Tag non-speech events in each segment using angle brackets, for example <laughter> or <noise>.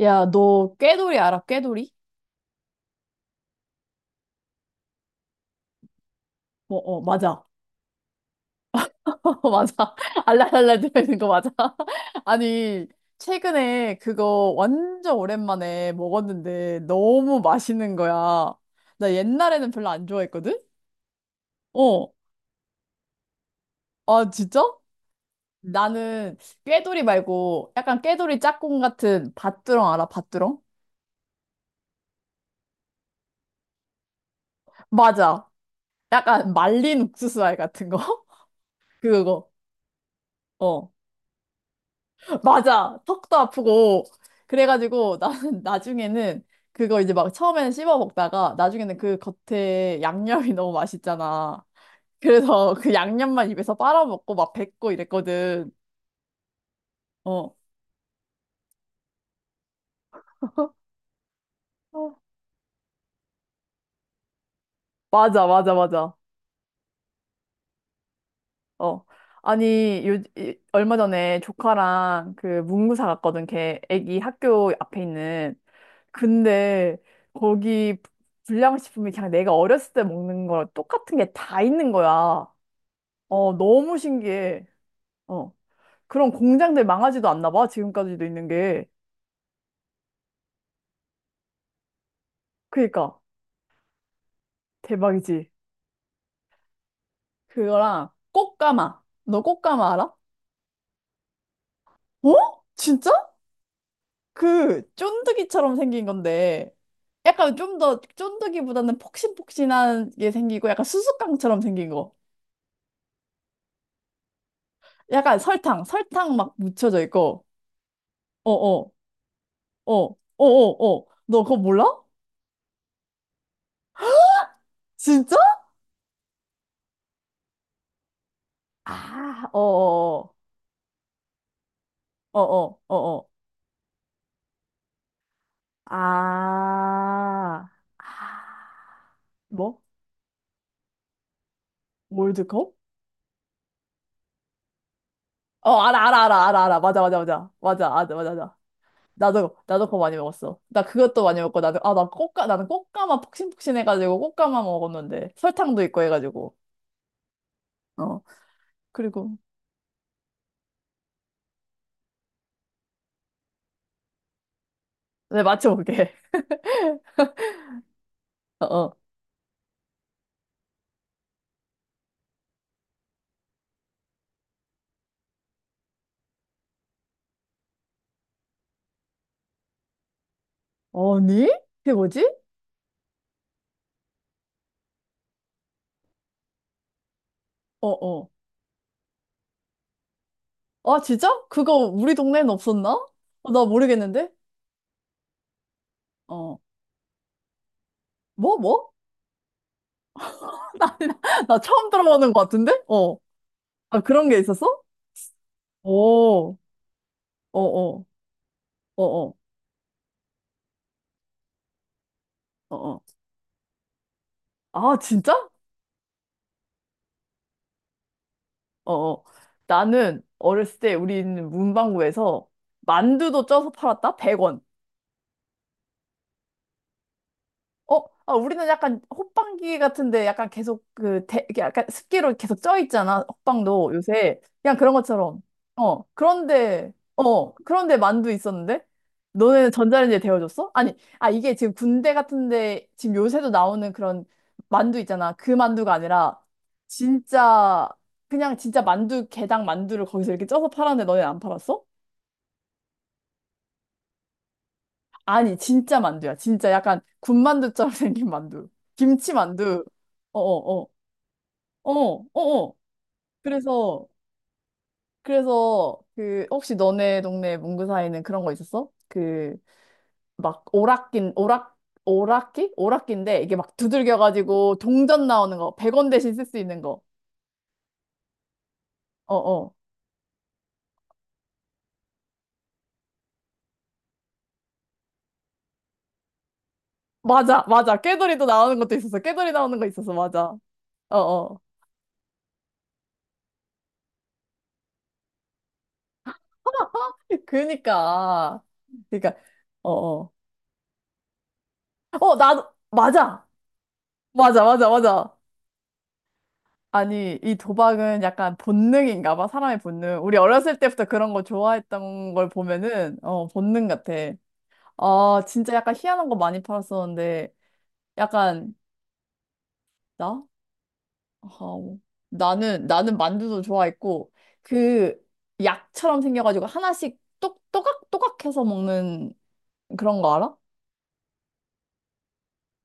야, 너 꾀돌이 알아? 꾀돌이? 어, 어, 맞아. <laughs> 맞아. 알랄랄랄 들어있는 거 맞아. <laughs> 아니, 최근에 그거 완전 오랜만에 먹었는데 너무 맛있는 거야. 나 옛날에는 별로 안 좋아했거든? 어. 아, 진짜? 나는 꾀돌이 말고 약간 꾀돌이 짝꿍 같은 밭두렁 알아? 밭두렁? 맞아. 약간 말린 옥수수알 같은 거? <laughs> 그거. 어. 맞아. 턱도 아프고. 그래가지고 나는 <laughs> 나중에는 그거 이제 막 처음에는 씹어 먹다가 나중에는 그 겉에 양념이 <laughs> 너무 맛있잖아. 그래서 그 양념만 입에서 빨아먹고 막 뱉고 이랬거든. 어. 어. 맞아, 맞아, 맞아. 어. 아니, 얼마 전에 조카랑 그 문구사 갔거든. 걔 애기 학교 앞에 있는. 근데 거기 불량식품이 그냥 내가 어렸을 때 먹는 거랑 똑같은 게 다 있는 거야. 어, 너무 신기해. 어. 그런 공장들 망하지도 않나 봐, 지금까지도 있는 게. 그니까, 대박이지. 그거랑 꽃가마. 너 꽃가마 알아? 어? 진짜? 그, 쫀득이처럼 생긴 건데, 약간 좀 더 쫀득이보다는 폭신폭신한 게 생기고, 약간 수수깡처럼 생긴 거. 약간 설탕, 설탕 막 묻혀져 있고, 어어, 어어, 어어, 너 그거 몰라? 진짜? 아, 어어어, 어어어어. 아, 아, 뭐? 월드컵? 어, 알아, 알아, 알아, 알아, 알아. 맞아, 맞아, 맞아. 맞아, 맞아, 맞아. 맞아. 나도 그거 많이 먹었어. 나 그것도 많이 먹고, 나도, 아, 나는 꽃가마 폭신폭신해가지고, 꽃가마 먹었는데, 설탕도 있고 해가지고, 어, 그리고, 네, 맞춰볼게. <laughs> 어, 어. 니 그게 뭐지? 어, 어. 아, 진짜? 그거 우리 동네엔 없었나? 어, 나 모르겠는데? 어. 뭐? <laughs> 나 처음 들어보는 것 같은데? 어. 아, 그런 게 있었어? 오. 어 어, 어 어, 어 어. 아, 진짜? 어 어. 나는 어렸을 때 우리는 문방구에서 만두도 쪄서 팔았다? 100원. 어, 아, 우리는 약간 호빵기 같은데 약간 계속 이렇게 약간 습기로 계속 쪄 있잖아. 호빵도 요새 그냥 그런 것처럼. 그런데 만두 있었는데 너네는 전자레인지에 데워줬어? 아니, 아 이게 지금 군대 같은데 지금 요새도 나오는 그런 만두 있잖아. 그 만두가 아니라 진짜 그냥 진짜 만두 게당 만두를 거기서 이렇게 쪄서 팔았는데 너네는 안 팔았어? 아니, 진짜 만두야. 진짜 약간 군만두처럼 <laughs> 생긴 만두. 김치 만두. 어어어. 어, 어, 어. 그래서, 그래서, 그, 혹시 너네 동네 문구사에는 그런 거 있었어? 그, 막, 오락기? 오락기인데, 이게 막 두들겨가지고 동전 나오는 거, 100원 대신 쓸 수 있는 거. 어, 어. 맞아, 맞아. 깨돌이도 나오는 것도 있었어. 깨돌이 나오는 거 있었어. 맞아. 어, 어. <laughs> 그니까. 그니까, 어, 어. 어, 나도, 맞아. 맞아, 맞아, 맞아. 아니, 이 도박은 약간 본능인가 봐, 사람의 본능. 우리 어렸을 때부터 그런 거 좋아했던 걸 보면은, 어, 본능 같아. 아, 진짜 약간 희한한 거 많이 팔았었는데, 약간, 나? 어, 나는 만두도 좋아했고, 그 약처럼 생겨가지고 하나씩 똑, 또각또각 해서 먹는 그런 거 알아?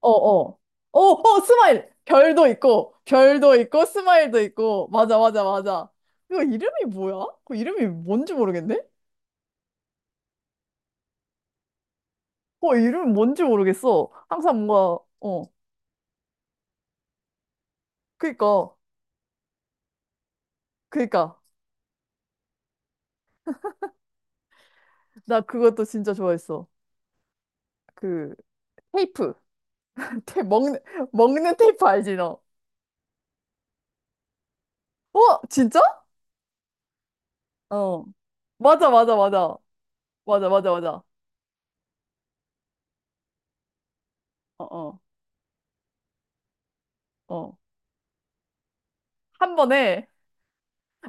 어, 어. 어, 어, 스마일! 별도 있고, 별도 있고, 스마일도 있고, 맞아, 맞아, 맞아. 그거 이름이 뭐야? 그 이름이 뭔지 모르겠네? 어, 이름 뭔지 모르겠어. 항상 뭔가, 어, 그니까, 그니까. 나 그것도 진짜 좋아했어. 그, 테이프. <laughs> 테, 먹는, 먹는 테이프 알지, 너? 어, 진짜? 어. 맞아, 맞아, 맞아. 맞아, 맞아, 맞아. 어, 어, 어. 한 번에,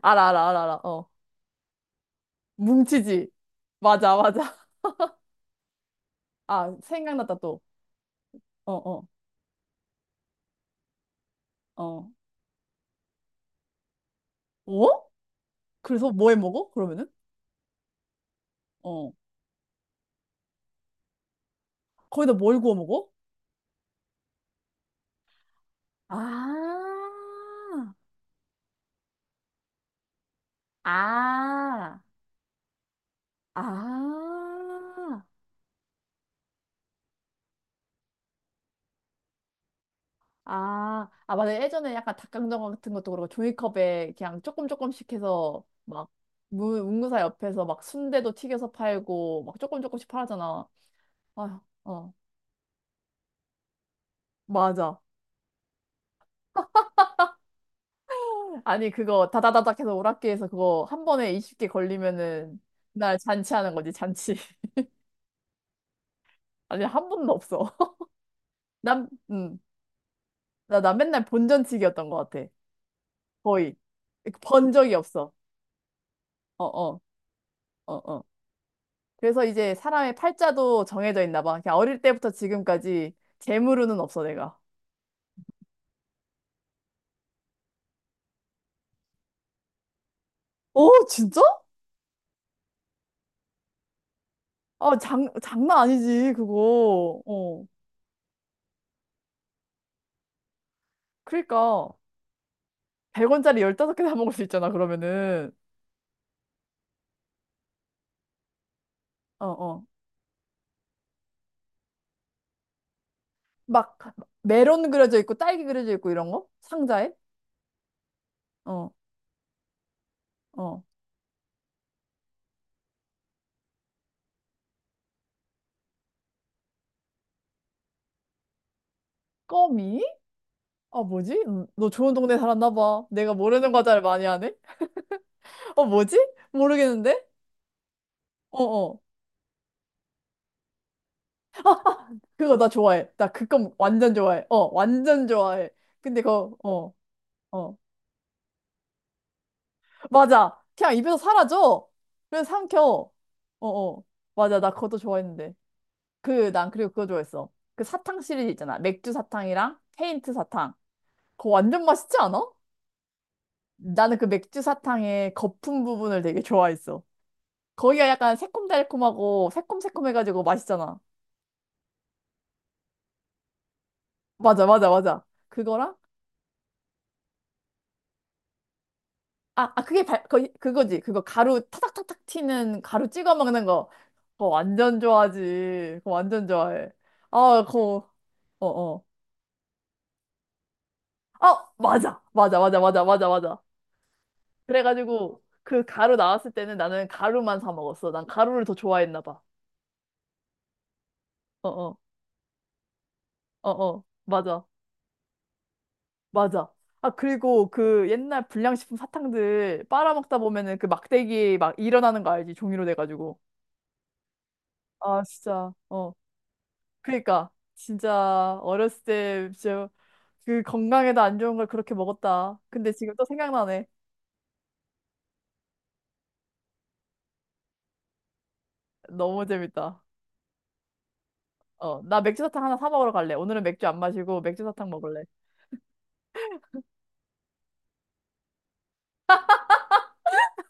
알아, 알아, 알아, 알아. 어. 뭉치지. 맞아, 맞아. <laughs> 아, 생각났다, 또. 어, 어, 어. 어? 그래서 뭐해 먹어? 그러면은? 어. 거기다 뭘 구워 먹어? 아, 아. 아, 아, 아, 맞아. 예전에 약간 닭강정 같은 것도 그렇고 종이컵에 그냥 조금 조금씩 해서 막 문 문구사 옆에서 막 순대도 튀겨서 팔고 막 조금 조금씩 팔았잖아. 아휴, 어, 맞아. 아니, 그거 다다다닥 해서 오락기에서 그거 한 번에 20개 걸리면은 날 잔치하는 거지, 잔치. <laughs> 아니, 한 번도 없어. <laughs> 난, 음, 나 맨날 본전치기였던 것 같아. 거의. 그 번 적이 없어. 어, 어, 어, 어. 그래서 이제 사람의 팔자도 정해져 있나 봐. 그냥 어릴 때부터 지금까지 재물운은 없어, 내가. 어, 진짜? 어, 장난 아니지, 그거. 어. 그러니까, 100원짜리 15개 사 먹을 수 있잖아, 그러면은. 어, 어. 막, 메론 그려져 있고, 딸기 그려져 있고, 이런 거? 상자에? 어, 어. 껌이? 아, 뭐지? 너 좋은 동네 살았나 봐. 내가 모르는 과자를 많이 하네? 어, 뭐지? 모르겠는데? 어어. 그거 나 좋아해. 나 그건 완전 좋아해. 어, 완전 좋아해. 근데 그거, 어, 어. 맞아. 그냥 입에서 사라져. 그래서 삼켜. 어, 어. 맞아. 나 그것도 좋아했는데. 그, 난 그리고 그거 좋아했어. 그 사탕 시리즈 있잖아. 맥주 사탕이랑 페인트 사탕. 그거 완전 맛있지 않아? 나는 그 맥주 사탕의 거품 부분을 되게 좋아했어. 거기가 약간 새콤달콤하고 새콤새콤해가지고 맛있잖아. 맞아, 맞아, 맞아. 그거랑 아, 아 그게 그거지. 그거 가루 타닥타닥 튀는 가루 찍어 먹는 거. 그거 완전 좋아하지. 그거 완전 좋아해. 아, 그거, 어, 어. 아, 맞아. 맞아, 맞아, 맞아, 맞아, 맞아. 그래가지고 그 가루 나왔을 때는 나는 가루만 사 먹었어. 난 가루를 더 좋아했나 봐. 어, 어, 어, 어. 맞아, 맞아. 아, 그리고 그 옛날 불량식품 사탕들 빨아먹다 보면은 그 막대기 막 일어나는 거 알지? 종이로 돼가지고. 아, 진짜. 어. 그러니까 진짜 어렸을 때 진짜 그 건강에도 안 좋은 걸 그렇게 먹었다. 근데 지금 또 생각나네. 너무 재밌다. 어, 나 맥주 사탕 하나 사 먹으러 갈래. 오늘은 맥주 안 마시고 맥주 사탕 먹을래.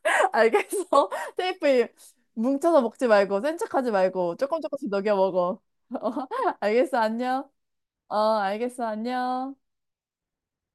<laughs> 알겠어. <laughs> 테이프 뭉쳐서 먹지 말고 센 척하지 말고 조금 조금씩 녹여 먹어. <laughs> 어, 알겠어. 안녕. 어, 알겠어. 안녕.